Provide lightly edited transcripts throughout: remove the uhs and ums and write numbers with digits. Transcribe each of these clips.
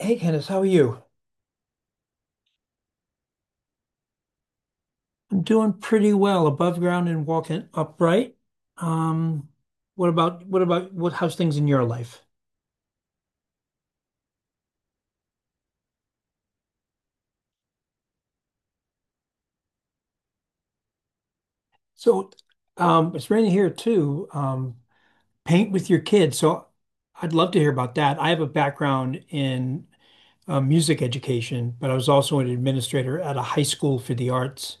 Hey Candace, how are you? I'm doing pretty well above ground and walking upright. Um, what how's things in your life? So, it's raining here too. Paint with your kids. I'd love to hear about that. I have a background in music education, but I was also an administrator at a high school for the arts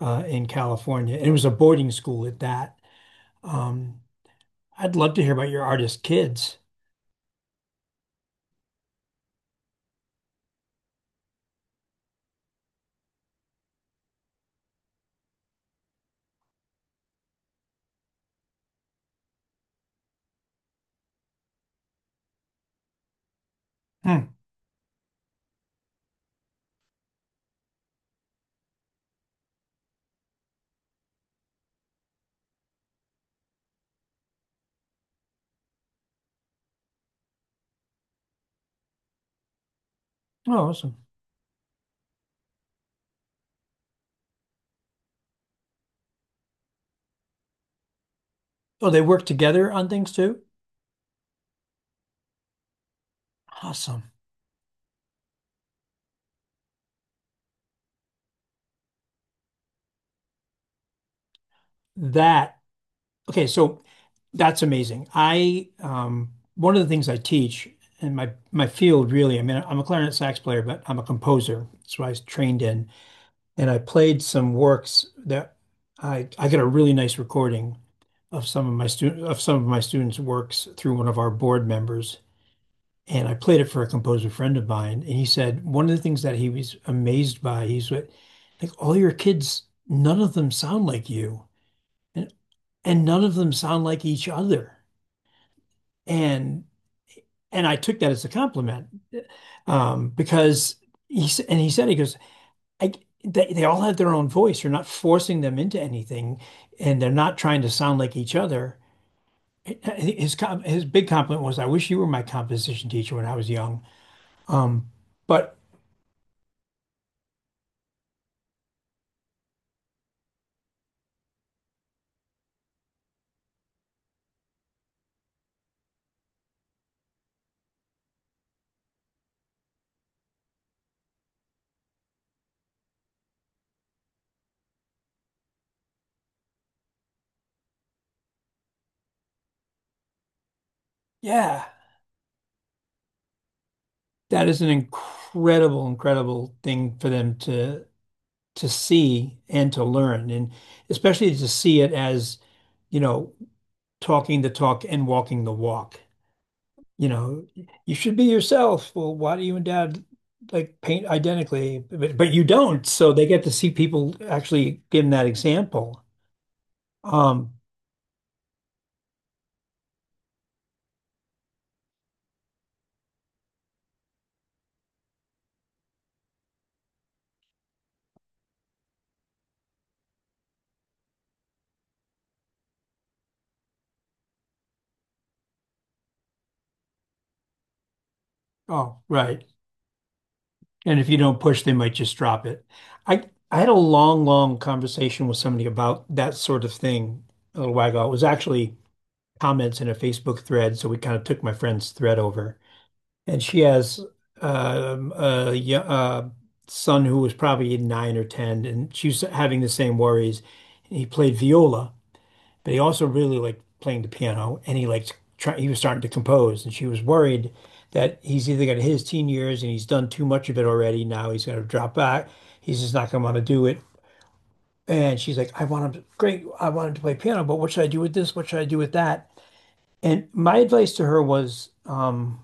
in California, and it was a boarding school at that. Um, I'd love to hear about your artist kids. Hmm. Oh, awesome. Oh, they work together on things too? Awesome. That, okay, so that's amazing. I, one of the things I teach in my field really, I mean, I'm a clarinet sax player, but I'm a composer. That's what I was trained in. And I played some works that I got a really nice recording of some of my students' works through one of our board members. And I played it for a composer friend of mine, and he said one of the things that he was amazed by, he's like, all your kids, none of them sound like you, and none of them sound like each other. And and I took that as a compliment because and he said, he goes, I, they all have their own voice. You're not forcing them into anything, and they're not trying to sound like each other. His his big compliment was, "I wish you were my composition teacher when I was young." Um, but yeah, that is an incredible, incredible thing for them to see and to learn, and especially to see it as, you know, talking the talk and walking the walk. You know, you should be yourself. Well, why do you and dad like paint identically? But you don't. So they get to see people actually give them that example. Um, oh, right. And if you don't push, they might just drop it. I I had a long, long conversation with somebody about that sort of thing a little while ago. It was actually comments in a Facebook thread, so we kind of took my friend's thread over. And she has um, a, yo- uh son who was probably nine or ten, and she was having the same worries. He played viola, but he also really liked playing the piano, and he liked he was starting to compose, and she was worried that he's either got his teen years and he's done too much of it already. Now he's going to drop back. He's just not going to want to do it. And she's like, I want him to, great, I want him to play piano, but what should I do with this? What should I do with that? And my advice to her was,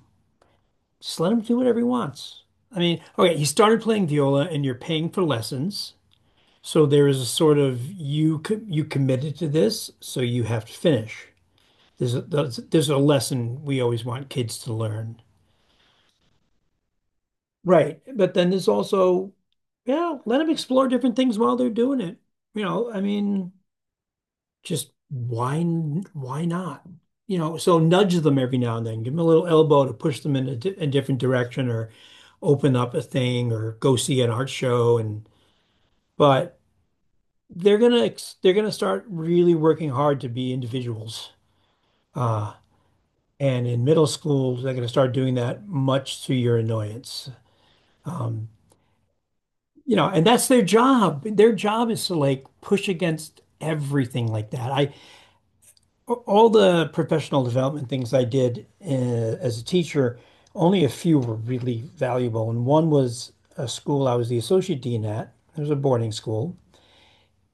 just let him do whatever he wants. I mean, okay, he started playing viola and you're paying for lessons. So there is a sort of you you committed to this, so you have to finish. There's a lesson we always want kids to learn. Right. But then there's also, yeah, let them explore different things while they're doing it. You know, I mean, just why not? You know, so nudge them every now and then, give them a little elbow to push them in a different direction or open up a thing or go see an art show and but they're they're gonna start really working hard to be individuals. Uh, and in middle school, they're gonna start doing that much to your annoyance. Um, you know, and that's their job. Their job is to like push against everything like that. I All the professional development things I did as a teacher, only a few were really valuable, and one was a school I was the associate dean at. It was a boarding school,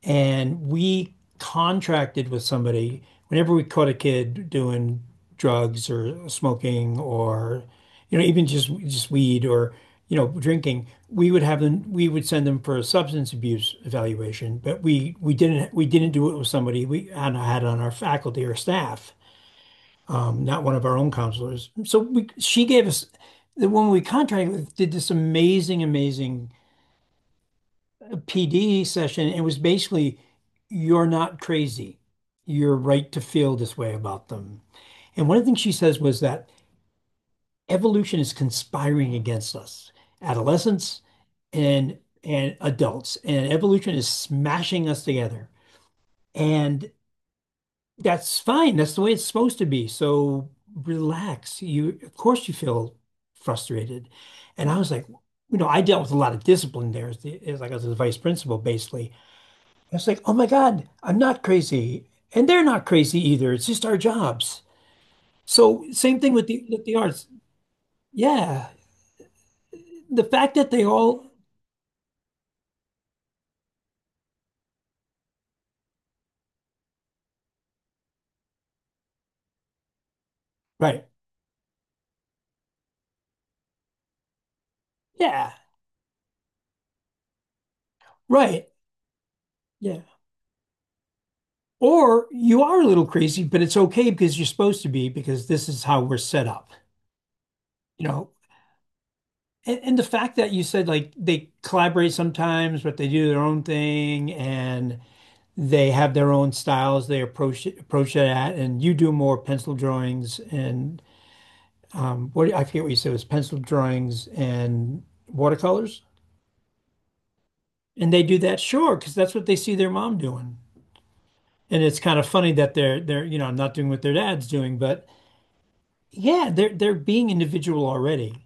and we contracted with somebody whenever we caught a kid doing drugs or smoking or, you know, even just weed or, you know, drinking, we would have them, we would send them for a substance abuse evaluation. But we didn't do it with somebody we had had on our faculty or staff, not one of our own counselors. She gave us, the woman we contracted with did this amazing, amazing PD session, and it was basically, you're not crazy. You're right to feel this way about them. And one of the things she says was that evolution is conspiring against us, adolescents and and adults, and evolution is smashing us together. And that's fine. That's the way it's supposed to be. So relax. You, of course, you feel frustrated. And I was like, you know, I dealt with a lot of discipline there as like as a vice principal, basically. It's like, oh my God, I'm not crazy. And they're not crazy either. It's just our jobs. So same thing with the arts. Yeah. The fact that they all right. Yeah. Right. Yeah. Or you are a little crazy, but it's okay because you're supposed to be, because this is how we're set up, you know. And the fact that you said like they collaborate sometimes, but they do their own thing and they have their own styles they approach it at, and you do more pencil drawings and what, I forget what you said, it was pencil drawings and watercolors, and they do that, sure, because that's what they see their mom doing. And it's kind of funny that they're you know not doing what their dad's doing, but yeah, they're being individual already,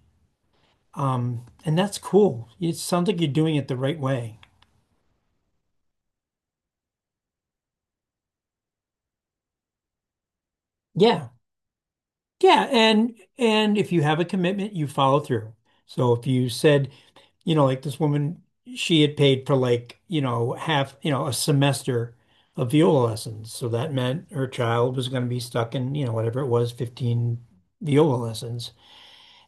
and that's cool. It sounds like you're doing it the right way. Yeah, yeah, and if you have a commitment, you follow through. So if you said, you know, like this woman, she had paid for like, you know, half, you know, a semester of viola lessons. So that meant her child was going to be stuck in, you know, whatever it was, 15 viola lessons.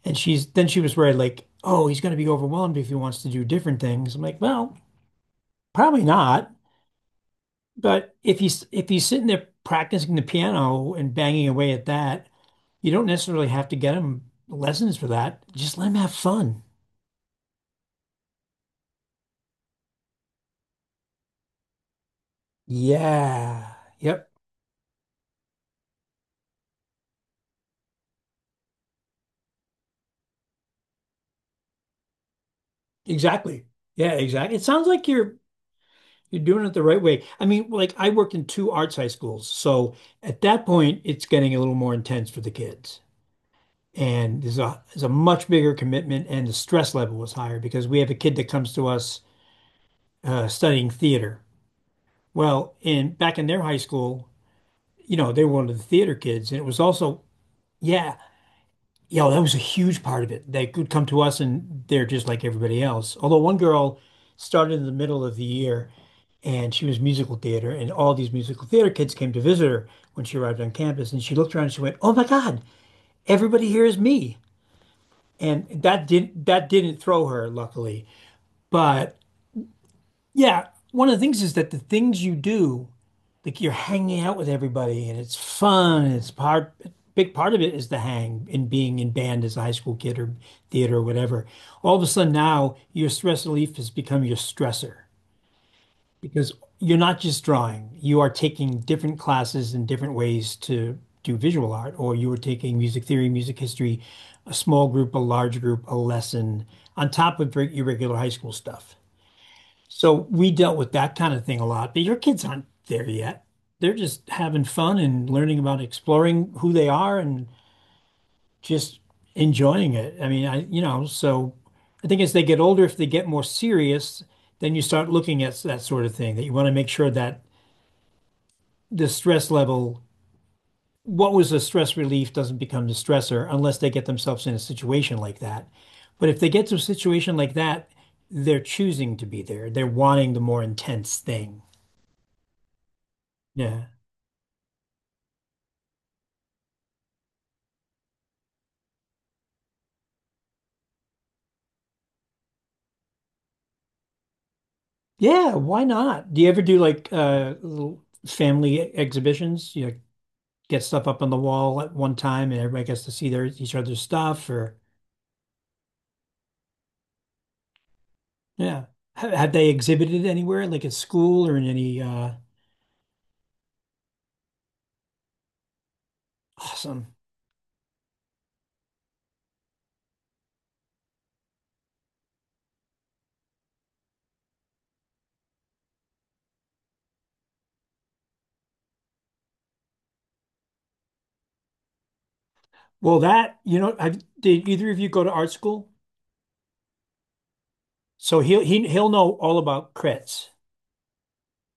And she's, then she was worried, like, oh, he's going to be overwhelmed if he wants to do different things. I'm like, well, probably not. But if he's sitting there practicing the piano and banging away at that, you don't necessarily have to get him lessons for that. Just let him have fun. Yeah. Yep. Exactly. Yeah, exactly. It sounds like you're doing it the right way. I mean, like I worked in two arts high schools, so at that point it's getting a little more intense for the kids. And there's a much bigger commitment and the stress level was higher because we have a kid that comes to us studying theater. Well, in back in their high school, you know, they were one of the theater kids and it was also, yeah, you know, that was a huge part of it. They could come to us and they're just like everybody else. Although one girl started in the middle of the year and she was musical theater, and all these musical theater kids came to visit her when she arrived on campus, and she looked around and she went, "Oh my God, everybody here is me." And that didn't throw her, luckily. But yeah, one of the things is that the things you do, like you're hanging out with everybody, and it's fun, and it's part big part of it is the hang and being in band as a high school kid or theater or whatever. All of a sudden now your stress relief has become your stressor. Because you're not just drawing, you are taking different classes and different ways to do visual art, or you are taking music theory, music history, a small group, a large group, a lesson, on top of your regular high school stuff. So we dealt with that kind of thing a lot, but your kids aren't there yet. They're just having fun and learning about exploring who they are and just enjoying it. I mean, you know, so I think as they get older, if they get more serious, then you start looking at that sort of thing that you want to make sure that the stress level, what was a stress relief doesn't become the stressor unless they get themselves in a situation like that. But if they get to a situation like that, they're choosing to be there. They're wanting the more intense thing. Yeah. Yeah, why not? Do you ever do like little family exhibitions? You know, get stuff up on the wall at one time and everybody gets to see their each other's stuff or yeah. Have they exhibited anywhere, like at school or in any awesome. Well, that, you know, I, Did either of you go to art school? So he'll know all about crits.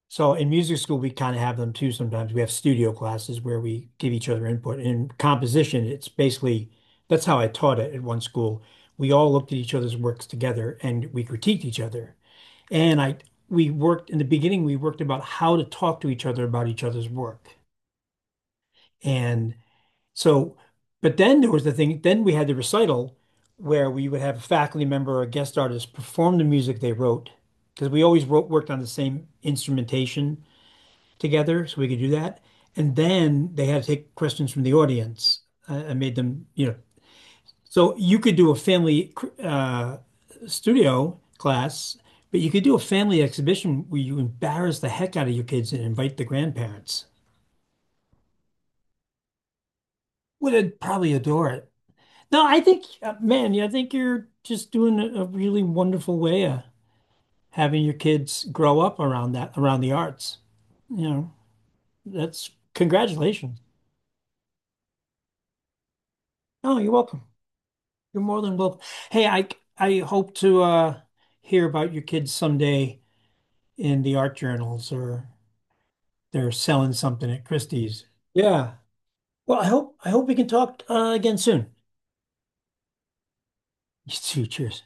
So in music school, we kind of have them too sometimes. We have studio classes where we give each other input. In composition, it's basically that's how I taught it at one school. We all looked at each other's works together and we critiqued each other. And I we worked in the beginning, we worked about how to talk to each other about each other's work. And so, but then there was the thing, then we had the recital where we would have a faculty member or a guest artist perform the music they wrote because we always worked on the same instrumentation together, so we could do that. And then they had to take questions from the audience. I made them, you know, so you could do a family uh, studio class, but you could do a family exhibition where you embarrass the heck out of your kids and invite the grandparents. Would probably adore it. No, I think, man, yeah, I think you're just doing a really wonderful way of having your kids grow up around that, around the arts. You know, that's, congratulations. No, you're welcome. You're more than welcome. Hey, I hope to hear about your kids someday in the art journals or they're selling something at Christie's. Yeah. Well, I hope we can talk again soon. You too. Cheers.